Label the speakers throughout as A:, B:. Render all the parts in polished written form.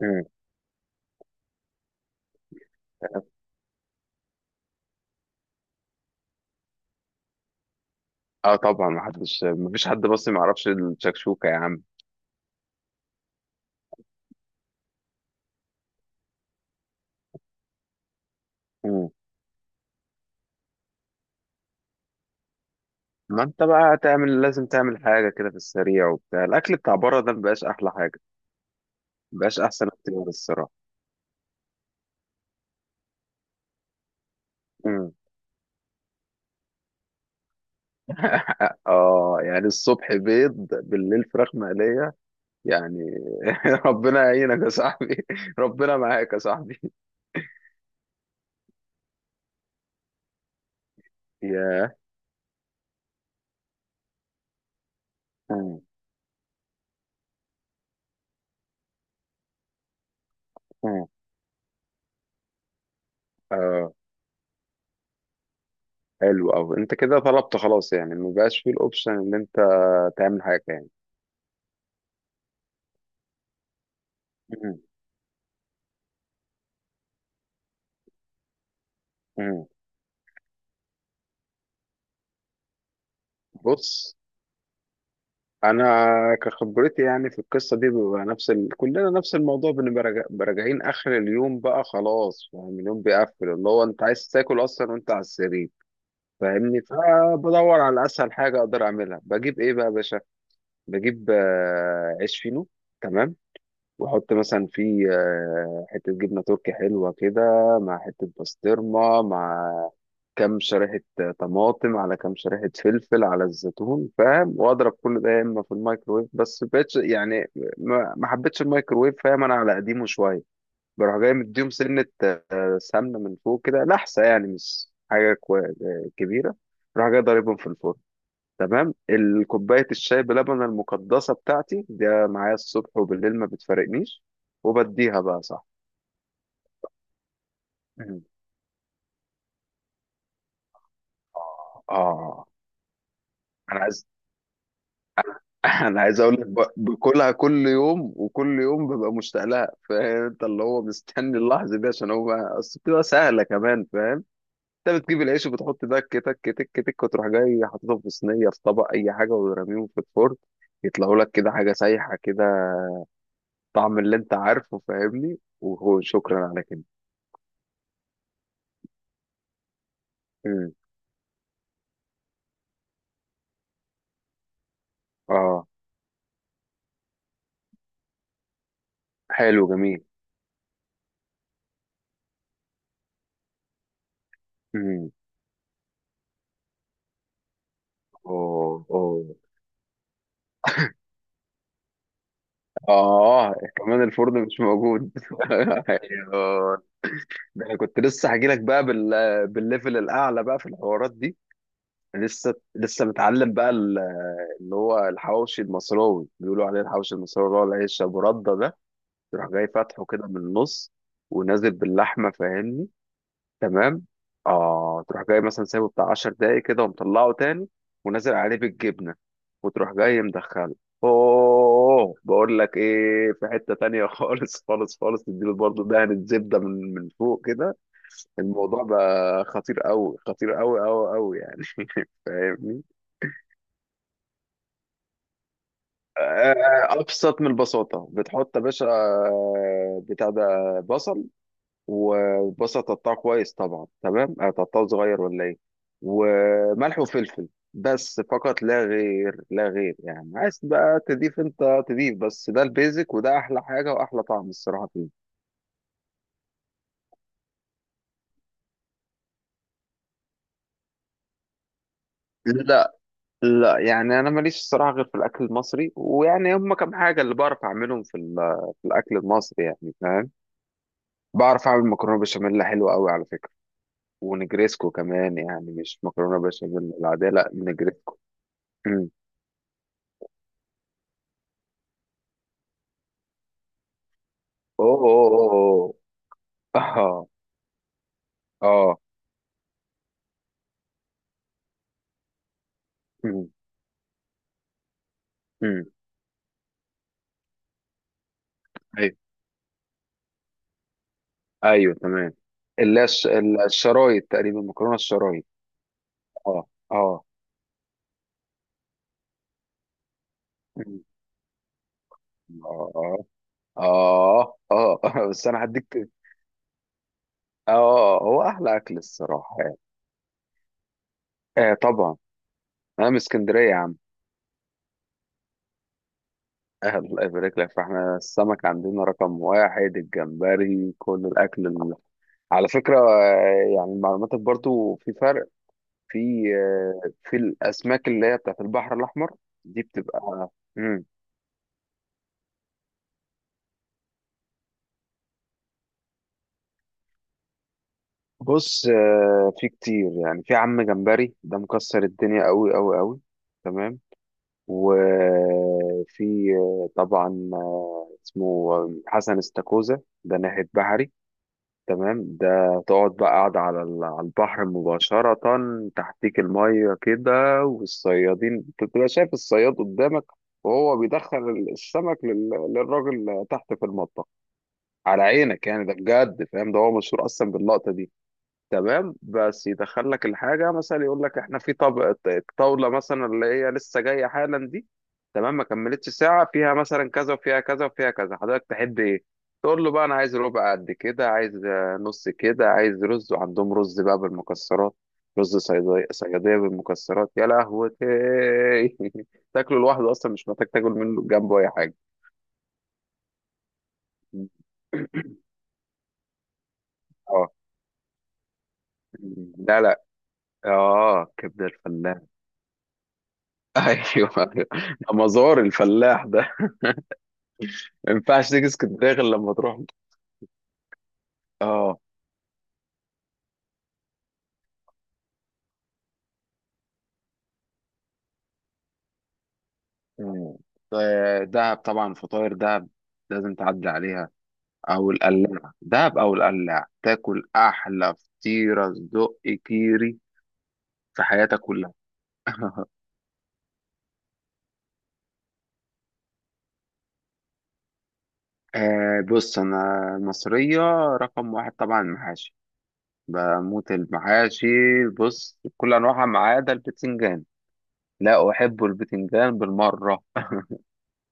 A: مم. اه طبعا، ما حدش ما فيش حد بس ما يعرفش الشكشوكه يا عم. مم. ما انت بقى تعمل، لازم تعمل حاجه كده في السريع، وبتاع الاكل بتاع بره ده مبقاش احلى حاجه، مبقاش احسن اختيار الصراحه. مم. اه يعني الصبح بيض بالليل فراخ مقليه يعني. ربنا يعينك يا صاحبي، ربنا معاك يا صاحبي. يا مم. مم. اه، حلو قوي، انت كده طلبت خلاص يعني مبقاش فيه الاوبشن ان انت تعمل حاجه يعني. مم. مم. بص، انا كخبرتي يعني في القصه دي بيبقى نفس كلنا نفس الموضوع، بنبقى بنبقى راجعين اخر اليوم بقى خلاص، فاهم؟ اليوم بيقفل، اللي هو انت عايز تاكل اصلا وانت على السرير، فاهمني؟ فبدور على اسهل حاجه اقدر اعملها. بجيب ايه بقى يا باشا؟ بجيب عيش فينو، تمام، واحط مثلا فيه حته جبنه تركي حلوه كده، مع حته بسطرمه، مع كام شريحه طماطم، على كام شريحه فلفل، على الزيتون، فاهم؟ واضرب كل ده يا اما في الميكرويف، بس بقتش يعني ما حبيتش الميكرويف، فاهم؟ انا على قديمه شويه. بروح جاي مديهم سنه، سمنه من فوق كده لحسه، يعني مش حاجه كبيره. بروح جاي ضاربهم في الفرن، تمام. الكوباية الشاي بلبن المقدسة بتاعتي ده معايا الصبح وبالليل، ما بتفارقنيش، وبديها بقى صح. مم. اه آه. انا عايز. انا عايز اقول لك، باكلها كل يوم، وكل يوم ببقى مشتاق لها، فاهم؟ انت اللي هو مستني اللحظه دي عشان هو اصل بتبقى سهله كمان، فاهم؟ انت بتجيب العيش وبتحط ده، تك تك تك تك، وتروح جاي حاططهم في صينيه، في طبق، اي حاجه، وترميهم في الفرن، يطلعوا لك كده حاجه سايحه كده، طعم اللي انت عارفه، فاهمني؟ وهو شكرا على كده. امم. اه، حلو جميل. امم. اوه اوه. اه كمان الفرن مش موجود. أيوه. ده انا كنت لسه هجيلك بقى بالليفل الاعلى بقى في الحوارات دي، لسه لسه متعلم بقى اللي هو الحواوشي المصراوي، بيقولوا عليه الحواوشي المصراوي، اللي هو العيش ابو رده ده. تروح جاي فاتحه كده من النص، ونازل باللحمه، فاهمني؟ تمام. اه، تروح جاي مثلا سايبه بتاع 10 دقايق كده، ومطلعه تاني، ونازل عليه بالجبنه، وتروح جاي مدخله. اوه، بقول لك ايه، في حته تانية خالص خالص خالص، تديله برضه دهن الزبده من فوق كده. الموضوع بقى خطير قوي، خطير قوي قوي قوي يعني. فاهمني؟ آه، ابسط من البساطه. بتحط يا باشا بتاع ده، بصل، وبصل تقطعه كويس طبعا، تمام، تقطعه صغير ولا ايه، وملح وفلفل، بس، فقط لا غير، لا غير. يعني عايز بقى تضيف انت تضيف، بس ده البيزك، وده احلى حاجه واحلى طعم الصراحه فيه. لا لا، يعني انا ماليش الصراحه غير في الاكل المصري، ويعني هم كام حاجه اللي بعرف اعملهم في في الاكل المصري يعني، فاهم؟ بعرف اعمل مكرونه بشاميل حلوه قوي على فكره، ونجريسكو كمان. يعني مش مكرونه بشاميل العاديه، لا، نجريسكو. مم. اوه اوه اوه. اه اه. أمم، أمم. ايوه، ايوه تمام. الشرايط، تقريبا مكرونه الشرايط. اه اه. أمم. اه اه اه بس انا هديك. اه، هو احلى اكل الصراحه يعني. آه طبعا، انا من اسكندريه يا عم. آه، الله يبارك لك. فاحنا السمك عندنا رقم واحد، الجمبري، كل الاكل على فكره يعني معلوماتك برضو، في فرق في في الاسماك اللي هي بتاعت البحر الاحمر، دي بتبقى مم. بص، في كتير يعني. في عم جمبري ده مكسر الدنيا قوي قوي قوي، تمام. وفي طبعا اسمه حسن استاكوزا، ده ناحية بحري، تمام، ده تقعد بقى قاعد على على البحر مباشرة، تحتيك المية كده، والصيادين بتبقى شايف الصياد قدامك، وهو بيدخل السمك للراجل تحت في المطبخ، على عينك يعني. ده بجد، فاهم؟ ده هو مشهور أصلا باللقطة دي. تمام، بس يدخل لك الحاجة مثلا، يقول لك احنا في طبق الطاولة مثلا اللي هي لسه جاية حالا دي، تمام، ما كملتش ساعة، فيها مثلا كذا وفيها كذا وفيها كذا، حضرتك تحب ايه؟ تقول له بقى انا عايز ربع قد كده، عايز نص كده، عايز رز. وعندهم رز بقى بالمكسرات، رز صيادية، صيادية بالمكسرات يا لهوتي. تاكله لوحده، اصلا مش محتاج تاكل منه جنبه اي حاجة. اه، لا لا. اه كبدة الفلاح. ايوه. أيوة. ده مزار الفلاح ده، ما ينفعش تيجي اسكندريه غير لما تروح. اه. مم. دهب طبعا، فطاير دهب، لازم تعدي عليها، او القلاع. دهب او القلاع، تاكل احلى فطيره صدق كيري في حياتك كلها. آه بص، انا المصريه رقم واحد طبعا المحاشي. بموت المحاشي. بص، بكل انواعها ما عدا البتنجان، لا احب البتنجان بالمره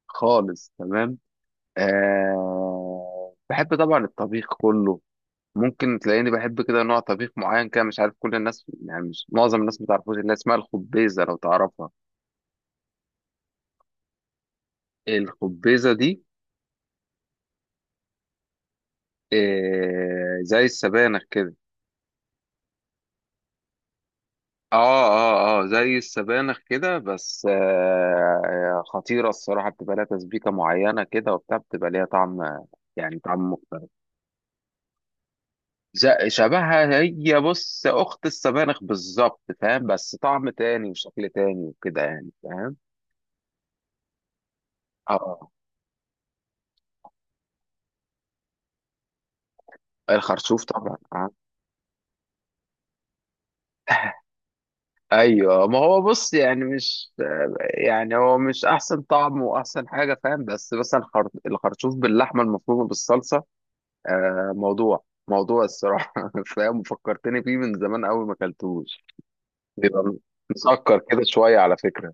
A: خالص، تمام. أه، بحب طبعا الطبيخ كله. ممكن تلاقيني بحب كده نوع طبيخ معين، كده مش عارف كل الناس يعني، مش معظم الناس ما تعرفوش، اللي هي اسمها الخبيزه لو تعرفها. الخبيزه دي أه زي السبانخ كده. اه اه اه، زي السبانخ كده، بس أه خطيره الصراحه، بتبقى لها تسبيكه معينه كده وبتاع، بتبقى ليها طعم، يعني طعم. شبهها هي، بص، اخت السبانخ بالظبط، فاهم؟ بس طعم تاني وشكل تاني وكده يعني، فاهم؟ اه، الخرشوف طبعا آه. ايوه، ما هو بص يعني مش، يعني هو مش احسن طعم واحسن حاجه، فاهم؟ بس مثلا الخرشوف باللحمه المفرومه بالصلصه، آه، موضوع الصراحه. فاهم؟ وفكرتني فيه من زمان قوي، ما اكلتوش. بيبقى مسكر كده شويه على فكره.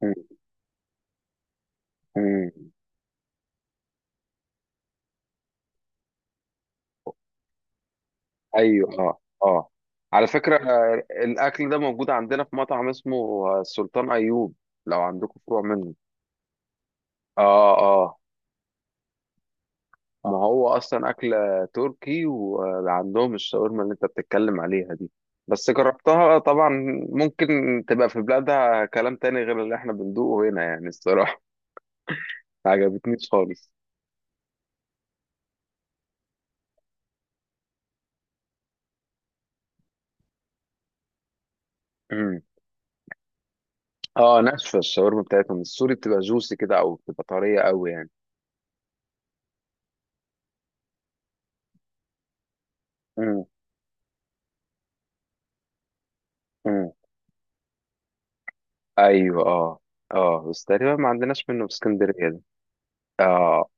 A: م- م. ايوه، اه اه. على فكرة الاكل ده موجود عندنا في مطعم اسمه السلطان ايوب، لو عندكم فروع منه. اه اه، ما هو اصلا اكل تركي، وعندهم الشاورما اللي انت بتتكلم عليها دي، بس جربتها طبعا. ممكن تبقى في بلادها كلام تاني غير اللي احنا بندوقه هنا يعني الصراحة. ما عجبتنيش خالص. أمم. اه، ناشفة الشاورما بتاعتهم، السوري بتبقى جوسي كده، او بتبقى طرية قوي يعني. أمم، أمم. ايوه، اه اه، بس تقريبا ما عندناش منه في اسكندريه ده. اه.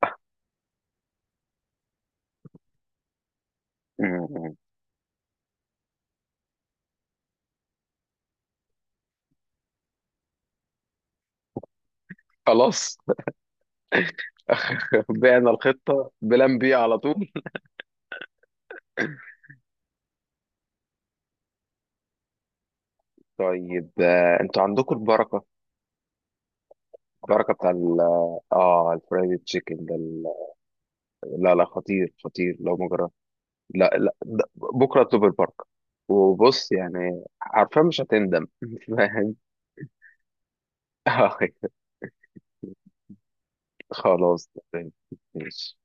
A: م. خلاص. بعنا الخطه بلان بي على طول. طيب انتوا عندكم البركه، البركه بتاع ال، اه الفرايد تشيكن ده لا لا، خطير خطير لو ما جربت. لا لا، بكره اطلب البركه، وبص يعني عارفة مش هتندم. فاهم؟ آه، خلاص تمام. ماشي.